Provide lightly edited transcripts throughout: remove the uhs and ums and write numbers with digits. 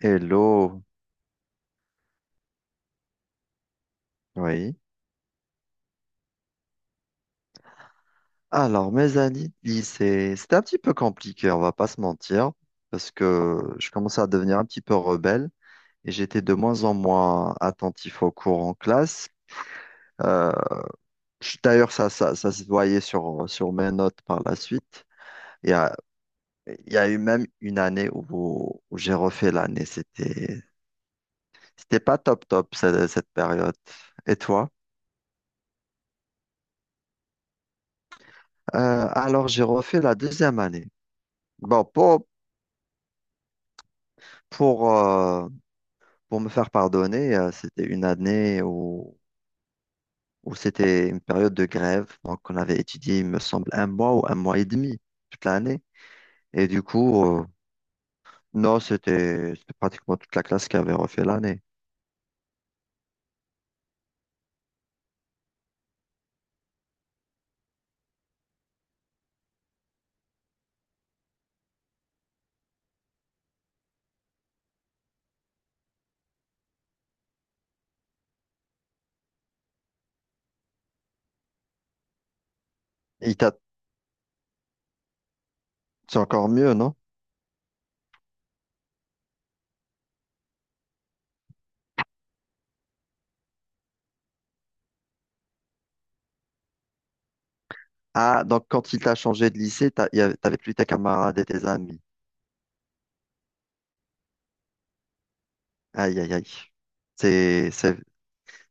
Hello, oui. Alors, mes années de lycée, c'était un petit peu compliqué, on va pas se mentir, parce que je commençais à devenir un petit peu rebelle et j'étais de moins en moins attentif aux cours en classe. Euh, D'ailleurs, ça se voyait sur mes notes par la suite. Il y a, il y a eu même une année où j'ai refait l'année. C'était pas top top cette période. Et toi? J'ai refait la deuxième année. Bon, pour, pour, euh, Pour me faire pardonner, c'était une année où c'était une période de grève. Donc, on avait étudié, il me semble, un mois ou un mois et demi toute l'année. Et du coup, non, c'était pratiquement toute la classe qui avait refait l'année. Il t'a- C'est encore mieux, non? Ah, donc quand il t'a changé de lycée, t'avais plus tes camarades et tes amis. Aïe, aïe, aïe. C'est, c'est,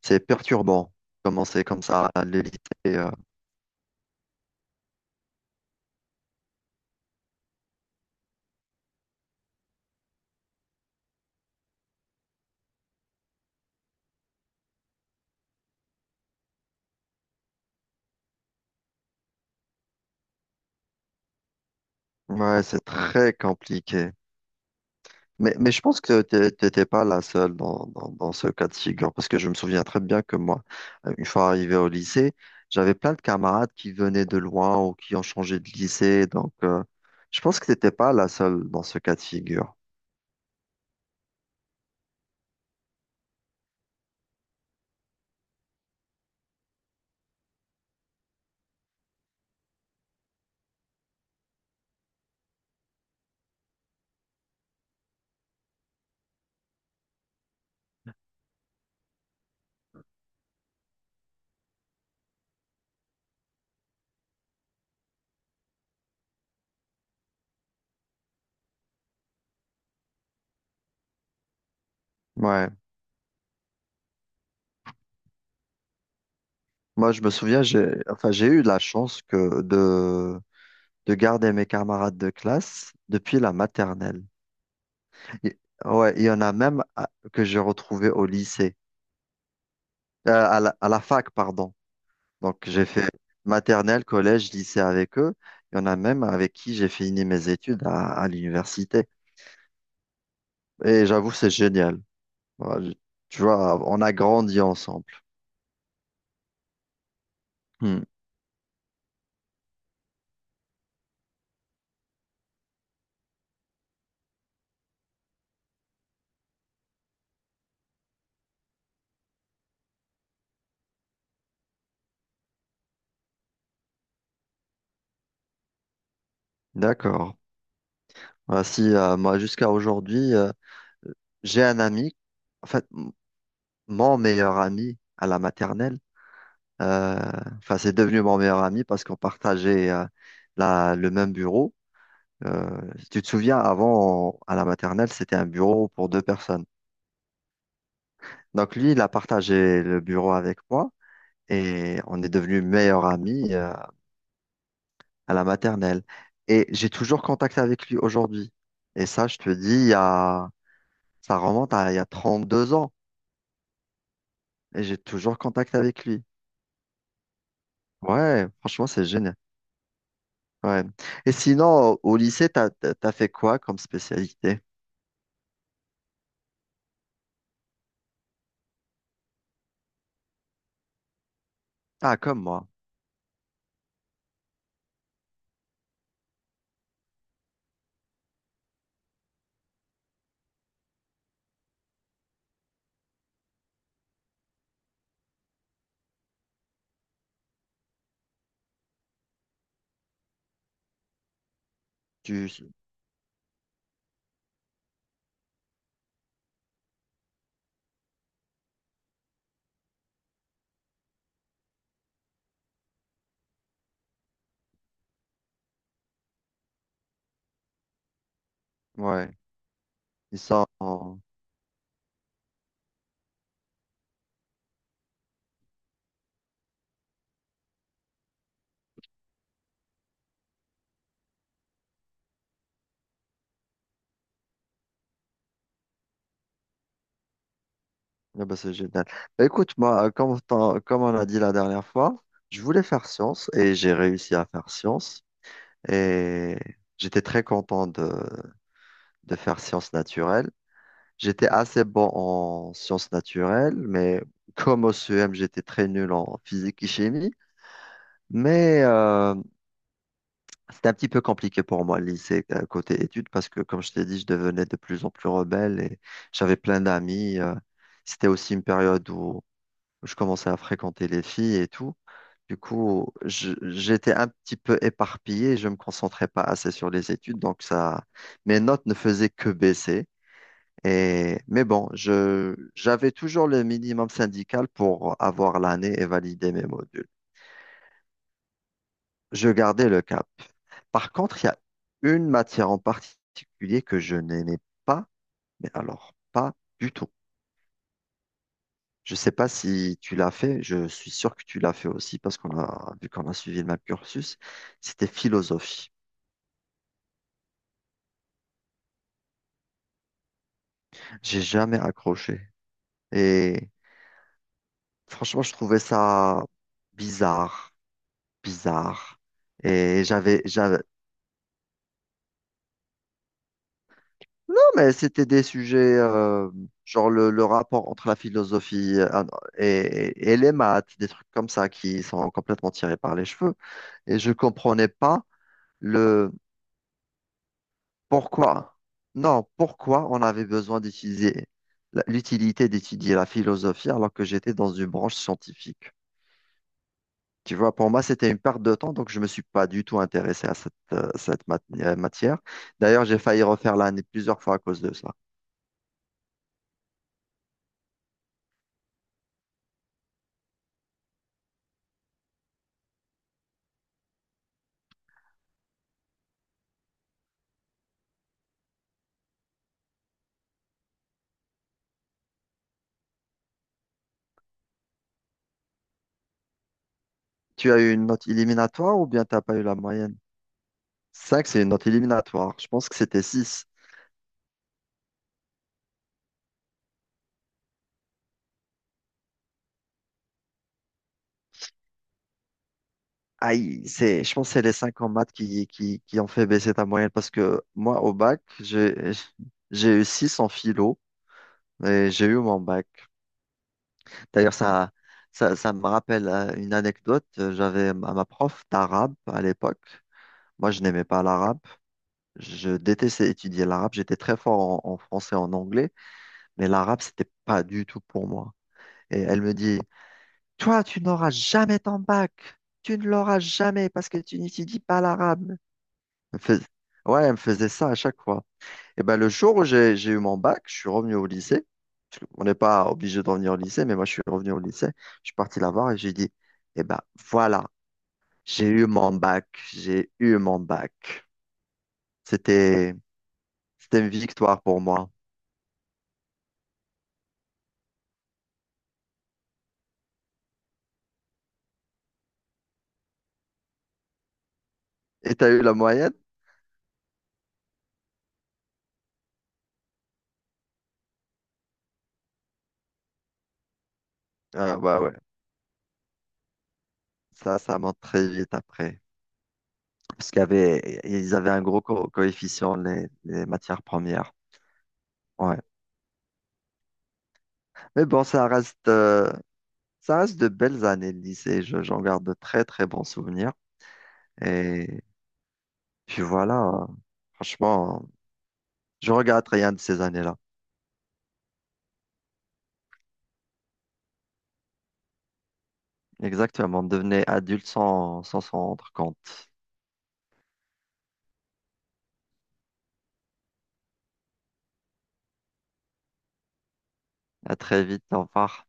c'est perturbant, commencer comme ça à lycée. euh. Ouais, c'est très compliqué. Mais je pense que t'étais pas la seule dans ce cas de figure, parce que je me souviens très bien que moi, une fois arrivé au lycée, j'avais plein de camarades qui venaient de loin ou qui ont changé de lycée, donc je pense que t'étais pas la seule dans ce cas de figure. Ouais, moi je me souviens, enfin j'ai eu la chance de garder mes camarades de classe depuis la maternelle. Et- ouais, il y en a même que j'ai retrouvé au lycée, à la fac, pardon. Donc, j'ai fait maternelle, collège, lycée avec eux. Il y en a même avec qui j'ai fini mes études à l'université. Et j'avoue, c'est génial. Voilà, tu vois, on a grandi ensemble. Hmm, d'accord. Voilà, si, moi, jusqu'à aujourd'hui, j'ai un ami, en fait, mon meilleur ami à la maternelle. euh, Enfin, c'est devenu mon meilleur ami parce qu'on partageait le même bureau. Euh, Si tu te souviens, avant, à la maternelle, c'était un bureau pour deux personnes. Donc lui, il a partagé le bureau avec moi et on est devenus meilleurs amis à la maternelle. Et j'ai toujours contact avec lui aujourd'hui. Et ça, je te dis, il y a... ça remonte à il y a 32 ans et j'ai toujours contact avec lui. Ouais, franchement, c'est génial. Ouais. Et sinon, au lycée, t'as fait quoi comme spécialité? Ah, comme moi. Tu... Ouais, ils sont... Ah bah, c'est génial. Bah, écoute, moi, comme, comme on a dit la dernière fois, je voulais faire science et j'ai réussi à faire science. Et j'étais très content de faire sciences naturelles. J'étais assez bon en sciences naturelles, mais comme au CEM, j'étais très nul en physique et chimie. Mais c'était un petit peu compliqué pour moi, le lycée, côté études, parce que, comme je t'ai dit, je devenais de plus en plus rebelle et j'avais plein d'amis. C'était aussi une période où je commençais à fréquenter les filles et tout. Du coup, j'étais un petit peu éparpillé, je me concentrais pas assez sur les études, donc ça, mes notes ne faisaient que baisser. Et, mais bon, j'avais toujours le minimum syndical pour avoir l'année et valider mes modules. Je gardais le cap. Par contre, il y a une matière en particulier que je n'aimais pas, mais alors pas du tout. Je sais pas si tu l'as fait, je suis sûr que tu l'as fait aussi parce vu qu'on a suivi le même cursus, c'était philosophie. J'ai jamais accroché. Et franchement, je trouvais ça bizarre, bizarre. Et non, mais c'était des sujets, genre le rapport entre la philosophie et les maths, des trucs comme ça qui sont complètement tirés par les cheveux. Et je comprenais pas pourquoi? Non, pourquoi on avait besoin d'étudier l'utilité d'étudier la philosophie alors que j'étais dans une branche scientifique? Tu vois, pour moi, c'était une perte de temps, donc je ne me suis pas du tout intéressé à cette matière. D'ailleurs, j'ai failli refaire l'année plusieurs fois à cause de ça. Tu as eu une note éliminatoire ou bien tu n'as pas eu la moyenne? 5, c'est une note éliminatoire. Je pense que c'était 6. Aïe, c'est, je pense que c'est les 5 en maths qui ont fait baisser ta moyenne parce que moi, au bac, j'ai eu 6 en philo et j'ai eu mon bac. D'ailleurs, ça me rappelle une anecdote. J'avais ma prof d'arabe à l'époque. Moi, je n'aimais pas l'arabe. Je détestais étudier l'arabe. J'étais très fort en français, en anglais, mais l'arabe, c'était pas du tout pour moi. Et elle me dit, toi, tu n'auras jamais ton bac. Tu ne l'auras jamais parce que tu n'étudies pas l'arabe. Elle me fais- Ouais, elle me faisait ça à chaque fois. Et ben, le jour où j'ai eu mon bac, je suis revenu au lycée. Parce qu'on n'est pas obligé de revenir au lycée, mais moi, je suis revenu au lycée. Je suis parti la voir et j'ai dit, eh ben, voilà, j'ai eu mon bac, j'ai eu mon bac. C'était, c'était une victoire pour moi. Et t'as eu la moyenne? Ah, ouais, ouais. Ça monte très vite après. Parce qu'il y avait, ils avaient un gros coefficient, les matières premières. Ouais. Mais bon, ça reste, ça reste de belles années de lycée. J'en garde de très, très bons souvenirs. Et puis voilà, franchement, je regrette rien de ces années-là. Exactement, devenez adulte sans s'en rendre compte. À très vite, au revoir.